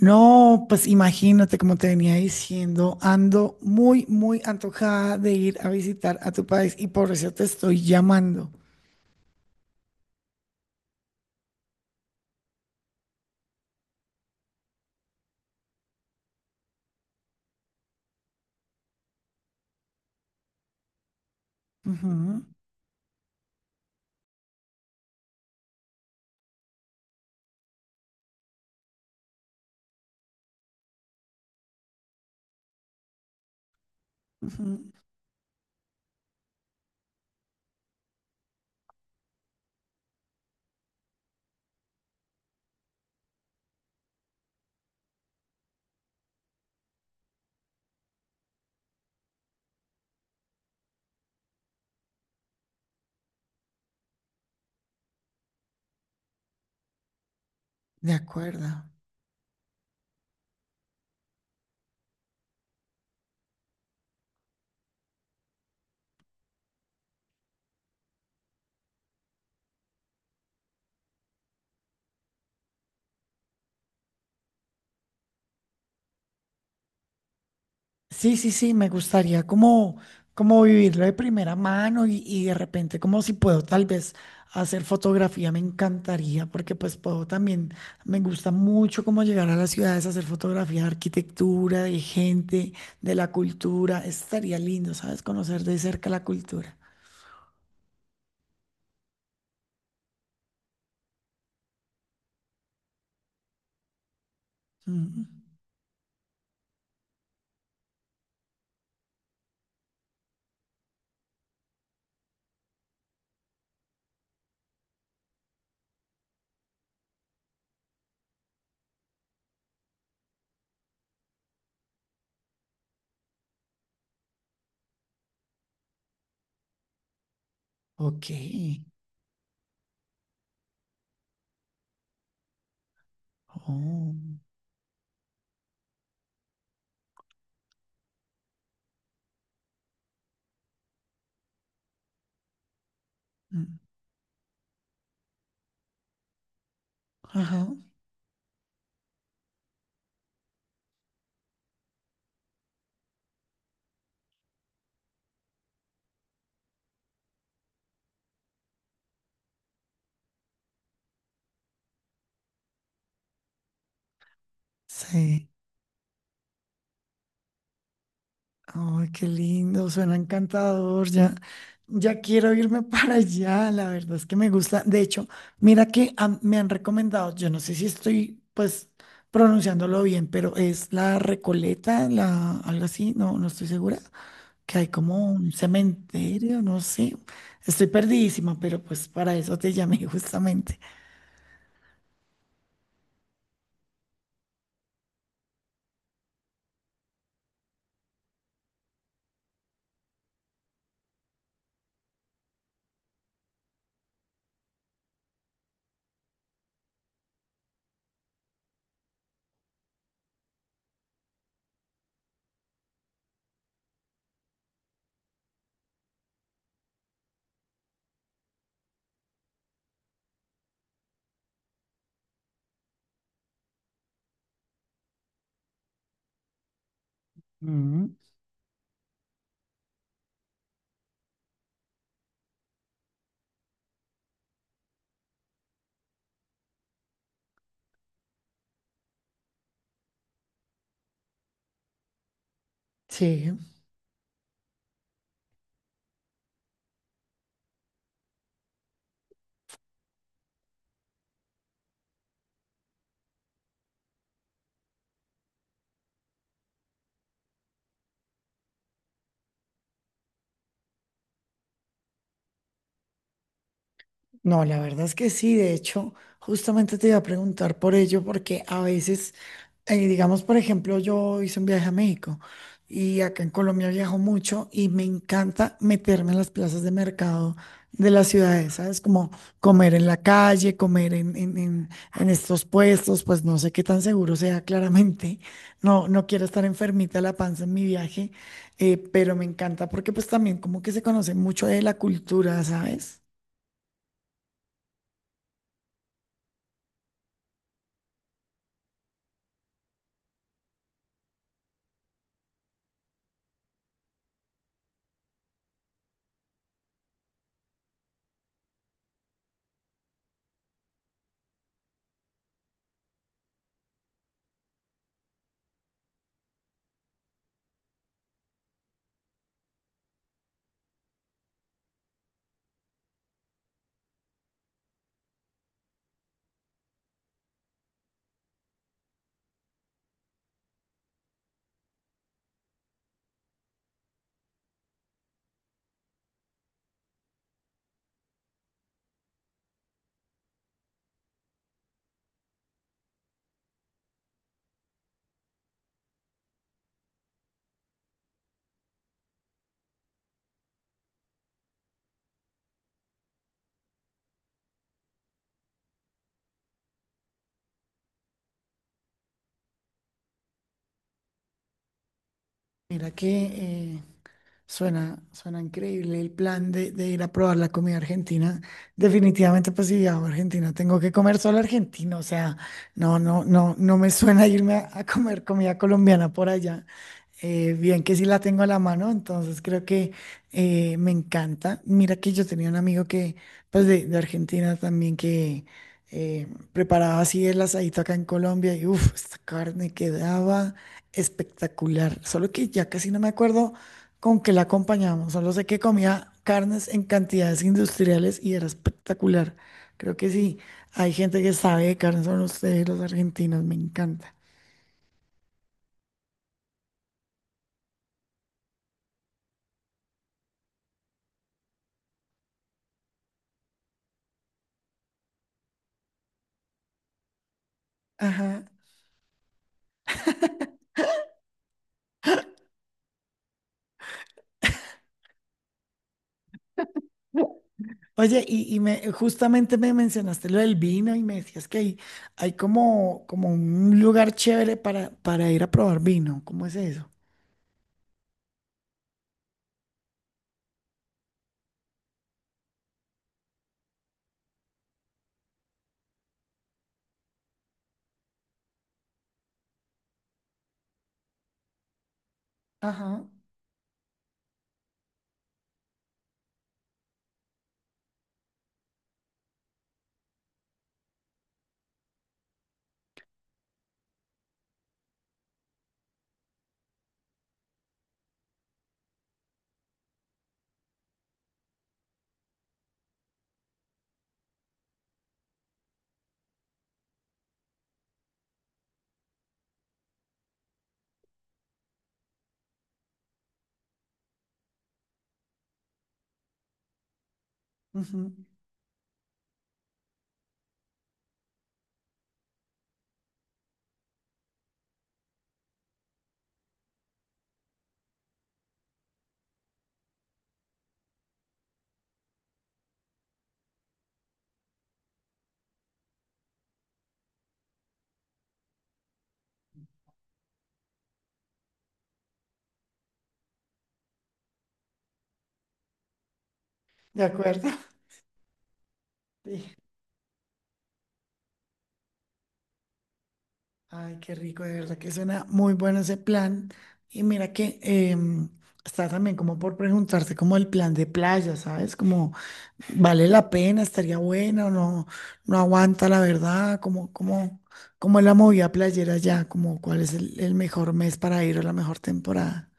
No, pues imagínate, como te venía diciendo, ando muy, muy antojada de ir a visitar a tu país y por eso te estoy llamando. Ujú, ujú. De acuerdo. Sí, sí, sí, me gustaría como, como vivirlo de primera mano y de repente como si puedo tal vez hacer fotografía, me encantaría porque pues puedo también, me gusta mucho como llegar a las ciudades a hacer fotografía de arquitectura, de gente, de la cultura, estaría lindo, ¿sabes? Conocer de cerca la cultura. Mm, ok. Oh, mm, ajá. Sí. Ay, qué lindo, suena encantador. Ya, ya quiero irme para allá. La verdad es que me gusta. De hecho, mira que me han recomendado, yo no sé si estoy pues pronunciándolo bien, pero es la Recoleta, la, algo así, no, no estoy segura. Que hay como un cementerio, no sé. Estoy perdidísima, pero pues para eso te llamé justamente. Mm. Sí. No, la verdad es que sí, de hecho, justamente te iba a preguntar por ello, porque a veces, digamos, por ejemplo, yo hice un viaje a México y acá en Colombia viajo mucho y me encanta meterme en las plazas de mercado de las ciudades, ¿sabes? Como comer en la calle, comer en estos puestos, pues no sé qué tan seguro sea claramente, no, no quiero estar enfermita de la panza en mi viaje, pero me encanta porque pues también como que se conoce mucho de la cultura, ¿sabes? Mira que suena, suena increíble el plan de ir a probar la comida argentina. Definitivamente, pues si viajo a Argentina, tengo que comer solo argentino. O sea, no, no, no, no me suena irme a comer comida colombiana por allá. Bien que sí la tengo a la mano, entonces creo que me encanta. Mira que yo tenía un amigo que, pues de Argentina también, que preparaba así el asadito acá en Colombia y uff, esta carne quedaba espectacular. Solo que ya casi no me acuerdo con que la acompañamos. Solo sé que comía carnes en cantidades industriales y era espectacular. Creo que sí, hay gente que sabe de carnes, son ustedes los argentinos, me encanta. Ajá. Oye, y me, justamente me mencionaste lo del vino y me decías que hay como, como un lugar chévere para ir a probar vino. ¿Cómo es eso? Ajá, ujú. De acuerdo. Sí. Ay, qué rico, de verdad que suena muy bueno ese plan. Y mira que está también como por preguntarte como el plan de playa, ¿sabes? Como vale la pena, estaría buena o no, no aguanta la verdad, como, como, como es la movida playera ya, como cuál es el mejor mes para ir o la mejor temporada.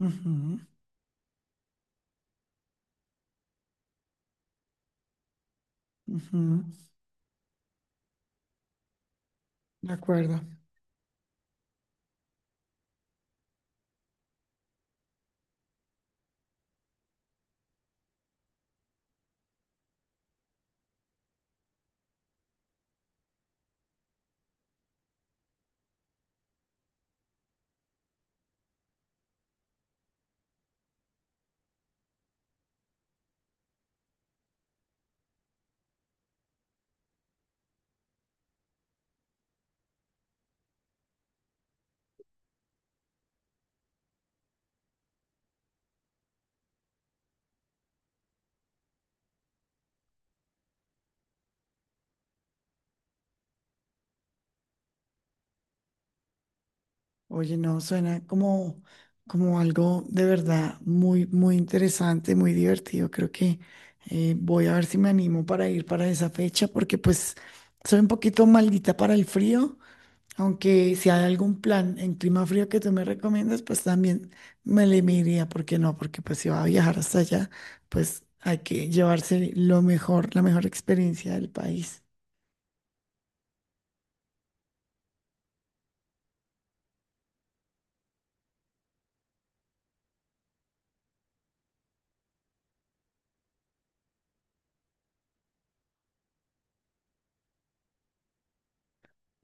Ujú, ujú, de acuerdo. Oye, no, suena como, como algo de verdad muy, muy interesante, muy divertido. Creo que voy a ver si me animo para ir para esa fecha, porque pues soy un poquito maldita para el frío, aunque si hay algún plan en clima frío que tú me recomiendas, pues también me le miraría, ¿por qué no? Porque pues si va a viajar hasta allá, pues hay que llevarse lo mejor, la mejor experiencia del país.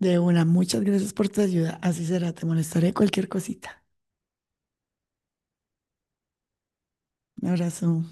De una, muchas gracias por tu ayuda. Así será, te molestaré cualquier cosita. Un abrazo.